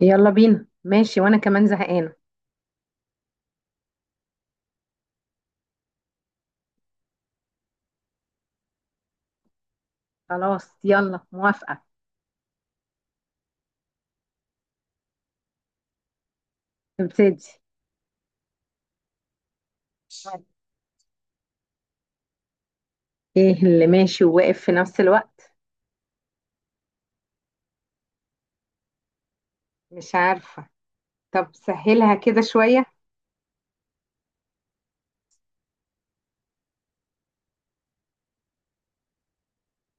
يلا بينا ماشي وانا كمان زهقانه. خلاص يلا موافقه. نبتدي. ايه اللي ماشي وواقف في نفس الوقت؟ مش عارفه. طب سهلها كده شويه.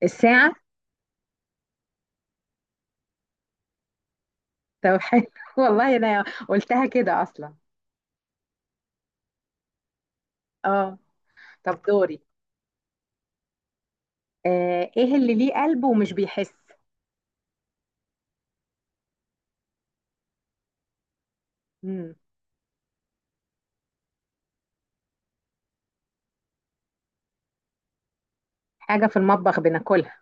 الساعه. طب حلو والله انا قلتها كده اصلا. اه. طب دوري. ايه اللي ليه قلب ومش بيحس؟ مم. حاجه في المطبخ بناكلها.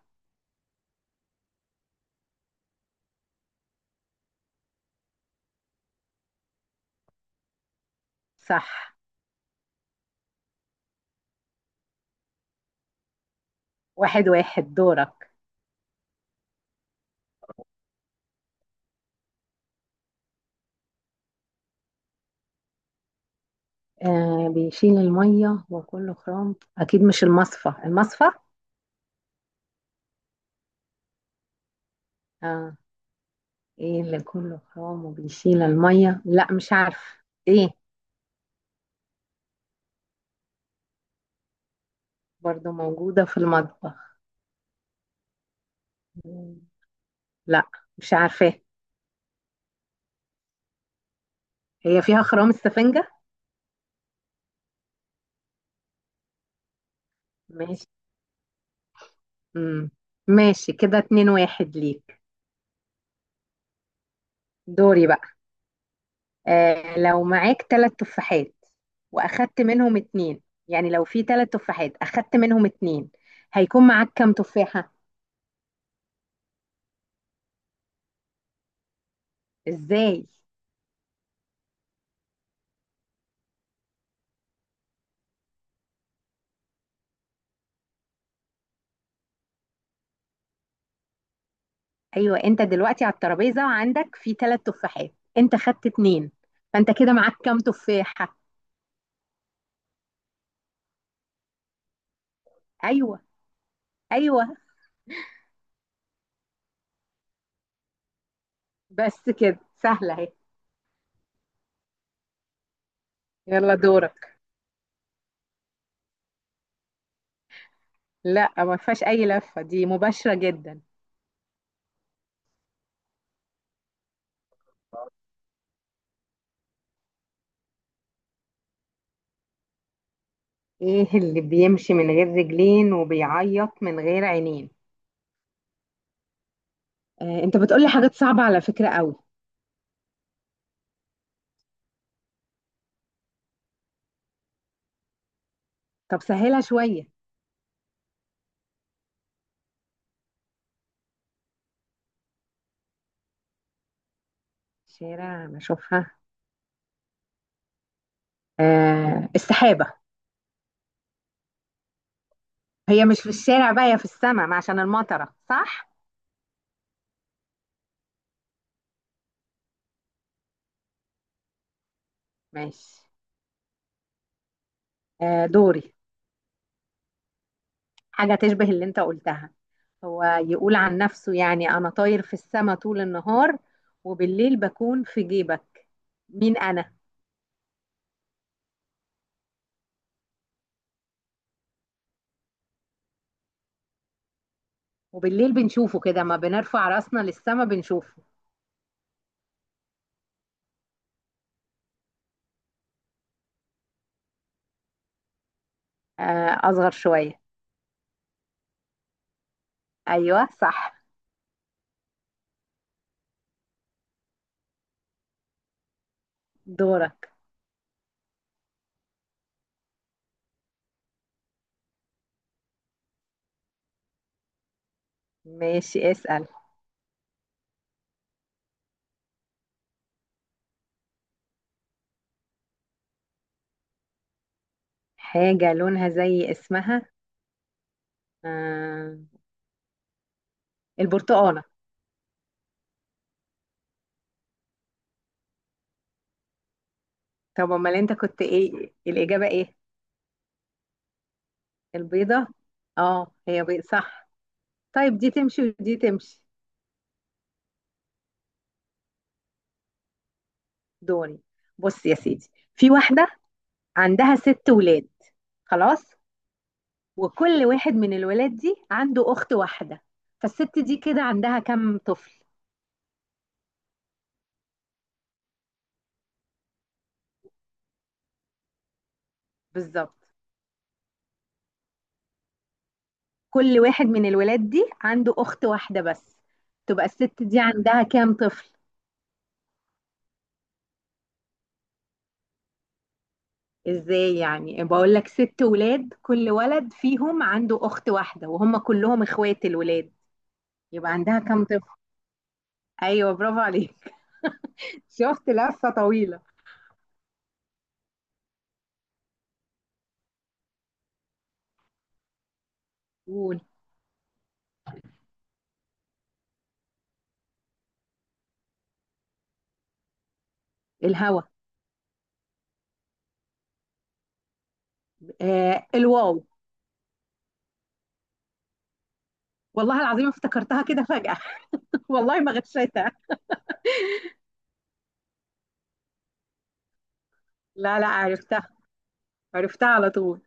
صح. 1-1، دورك. آه، بيشيل الميه وكله خرام اكيد، مش المصفى المصفى. آه. ايه اللي كله خام وبيشيل المية؟ لا مش عارفة. ايه؟ برضو موجودة في المطبخ. مم. لا. مش عارفة. هي فيها خرام، السفنجة. ماشي. مم. ماشي كده، 2-1 ليك. دوري بقى. لو معاك تلات تفاحات واخدت منهم اتنين، يعني لو في تلات تفاحات اخدت منهم اتنين، هيكون معاك كام تفاحة؟ ازاي؟ ايوه، انت دلوقتي على الترابيزة وعندك في تلات تفاحات، انت خدت اتنين، فانت كده معاك كام تفاحة؟ ايوه. ايوه. بس كده سهله اهي. يلا دورك. لا ما فيهاش اي لفه، دي مباشره جدا. ايه اللي بيمشي من غير رجلين وبيعيط من غير عينين؟ آه، انت بتقولي حاجات صعبه على فكره قوي. طب سهلها شويه. شارع انا اشوفها. آه، السحابه. هي مش في الشارع بقى، هي في السماء عشان المطره، صح. ماشي. دوري. حاجة تشبه اللي انت قلتها. هو يقول عن نفسه يعني أنا طاير في السماء طول النهار، وبالليل بكون في جيبك. مين أنا؟ وبالليل بنشوفه كده، ما بنرفع راسنا للسماء بنشوفه. آه، أصغر شوية. أيوة صح. دورك. ماشي اسأل. حاجة لونها زي اسمها. آه، البرتقالة. طب أمال أنت كنت إيه الإجابة، إيه؟ البيضة؟ آه هي بيضة، صح. طيب دي تمشي ودي تمشي. دوري. بص يا سيدي، في واحدة عندها ست ولاد. خلاص. وكل واحد من الولاد دي عنده أخت واحدة، فالست دي كده عندها كم طفل؟ بالظبط. كل واحد من الولاد دي عنده أخت واحدة بس. تبقى الست دي عندها كام طفل؟ ازاي يعني، بقول لك ست ولاد كل ولد فيهم عنده أخت واحدة وهم كلهم اخوات الولاد، يبقى عندها كام طفل؟ ايوه برافو عليك. شفت لفة طويلة. قول. الهوا. آه، الواو. والله العظيم افتكرتها كده فجأة. والله ما غشيتها. لا، لا، عرفتها. عرفتها على طول.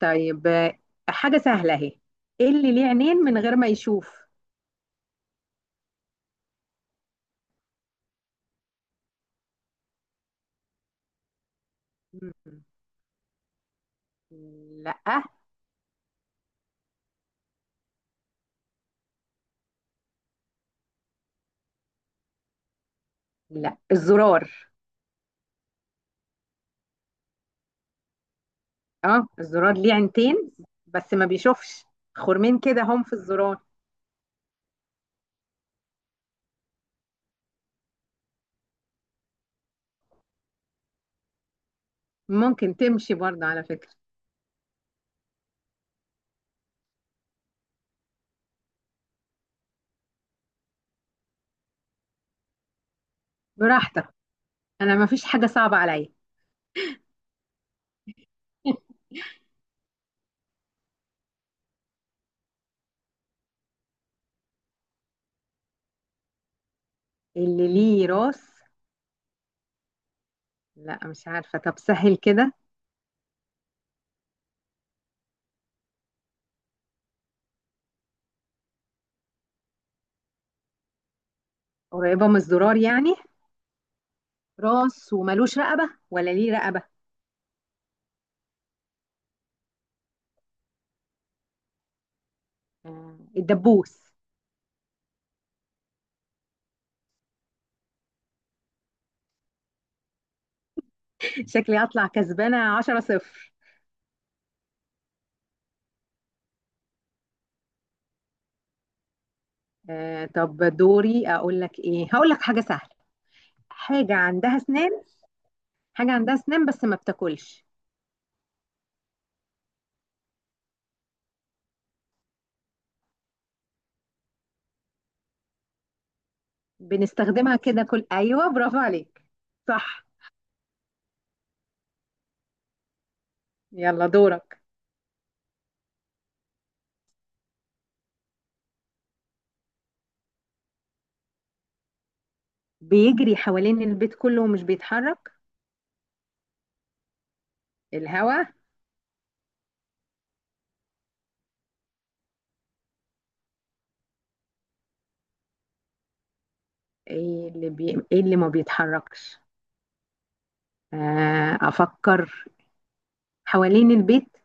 طيب. حاجة سهلة اهي. ايه اللي ليه عينين من غير ما يشوف؟ مم. لا. لا، الزرار. اه الزرار ليه عينتين، بس ما بيشوفش. خرمين كده هم في الزرار. ممكن تمشي برضه على فكرة. براحتك. انا ما فيش حاجة صعبة عليا. اللي ليه راس. لا مش عارفة، طب سهل كده. قريبة من الزرار يعني. راس وملوش رقبة، ولا ليه رقبة؟ آه، الدبوس. شكلي هطلع كسبانة 10-0. طب دوري أقول لك إيه، هقول لك حاجة سهلة. حاجة عندها أسنان. حاجة عندها أسنان بس ما بتاكلش. بنستخدمها كده كل، أيوه برافو عليك. صح. يلا دورك. بيجري حوالين البيت كله ومش بيتحرك. الهوا. إيه اللي ما بيتحركش. أفكر. حوالين البيت.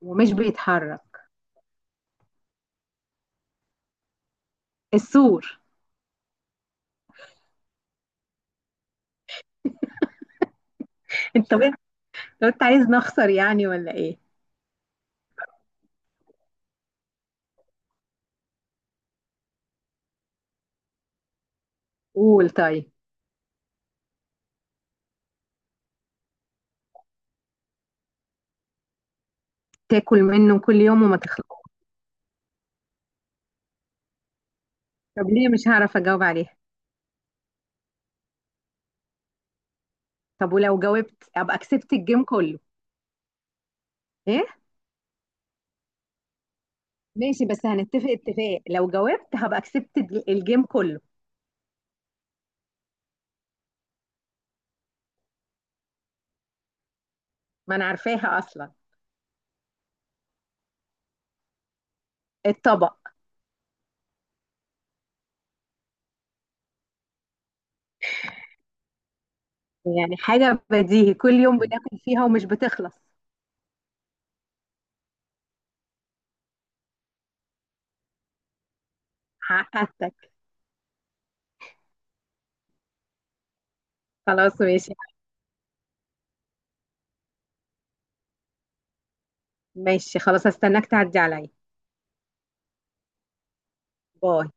ومش بيتحرك. السور. انت، لو انت عايز نخسر يعني، ولا ايه؟ قول طيب. تاكل منه كل يوم وما تخلص. طب ليه مش هعرف اجاوب عليها؟ طب ولو جاوبت ابقى كسبت الجيم كله. ايه. ماشي، بس هنتفق اتفاق لو جاوبت هبقى كسبت الجيم كله. ما انا عارفاها اصلا. الطبق. يعني حاجة بديهي كل يوم بناكل فيها ومش بتخلص. حققتك. خلاص ماشي. ماشي خلاص، هستناك تعدي عليا. باي.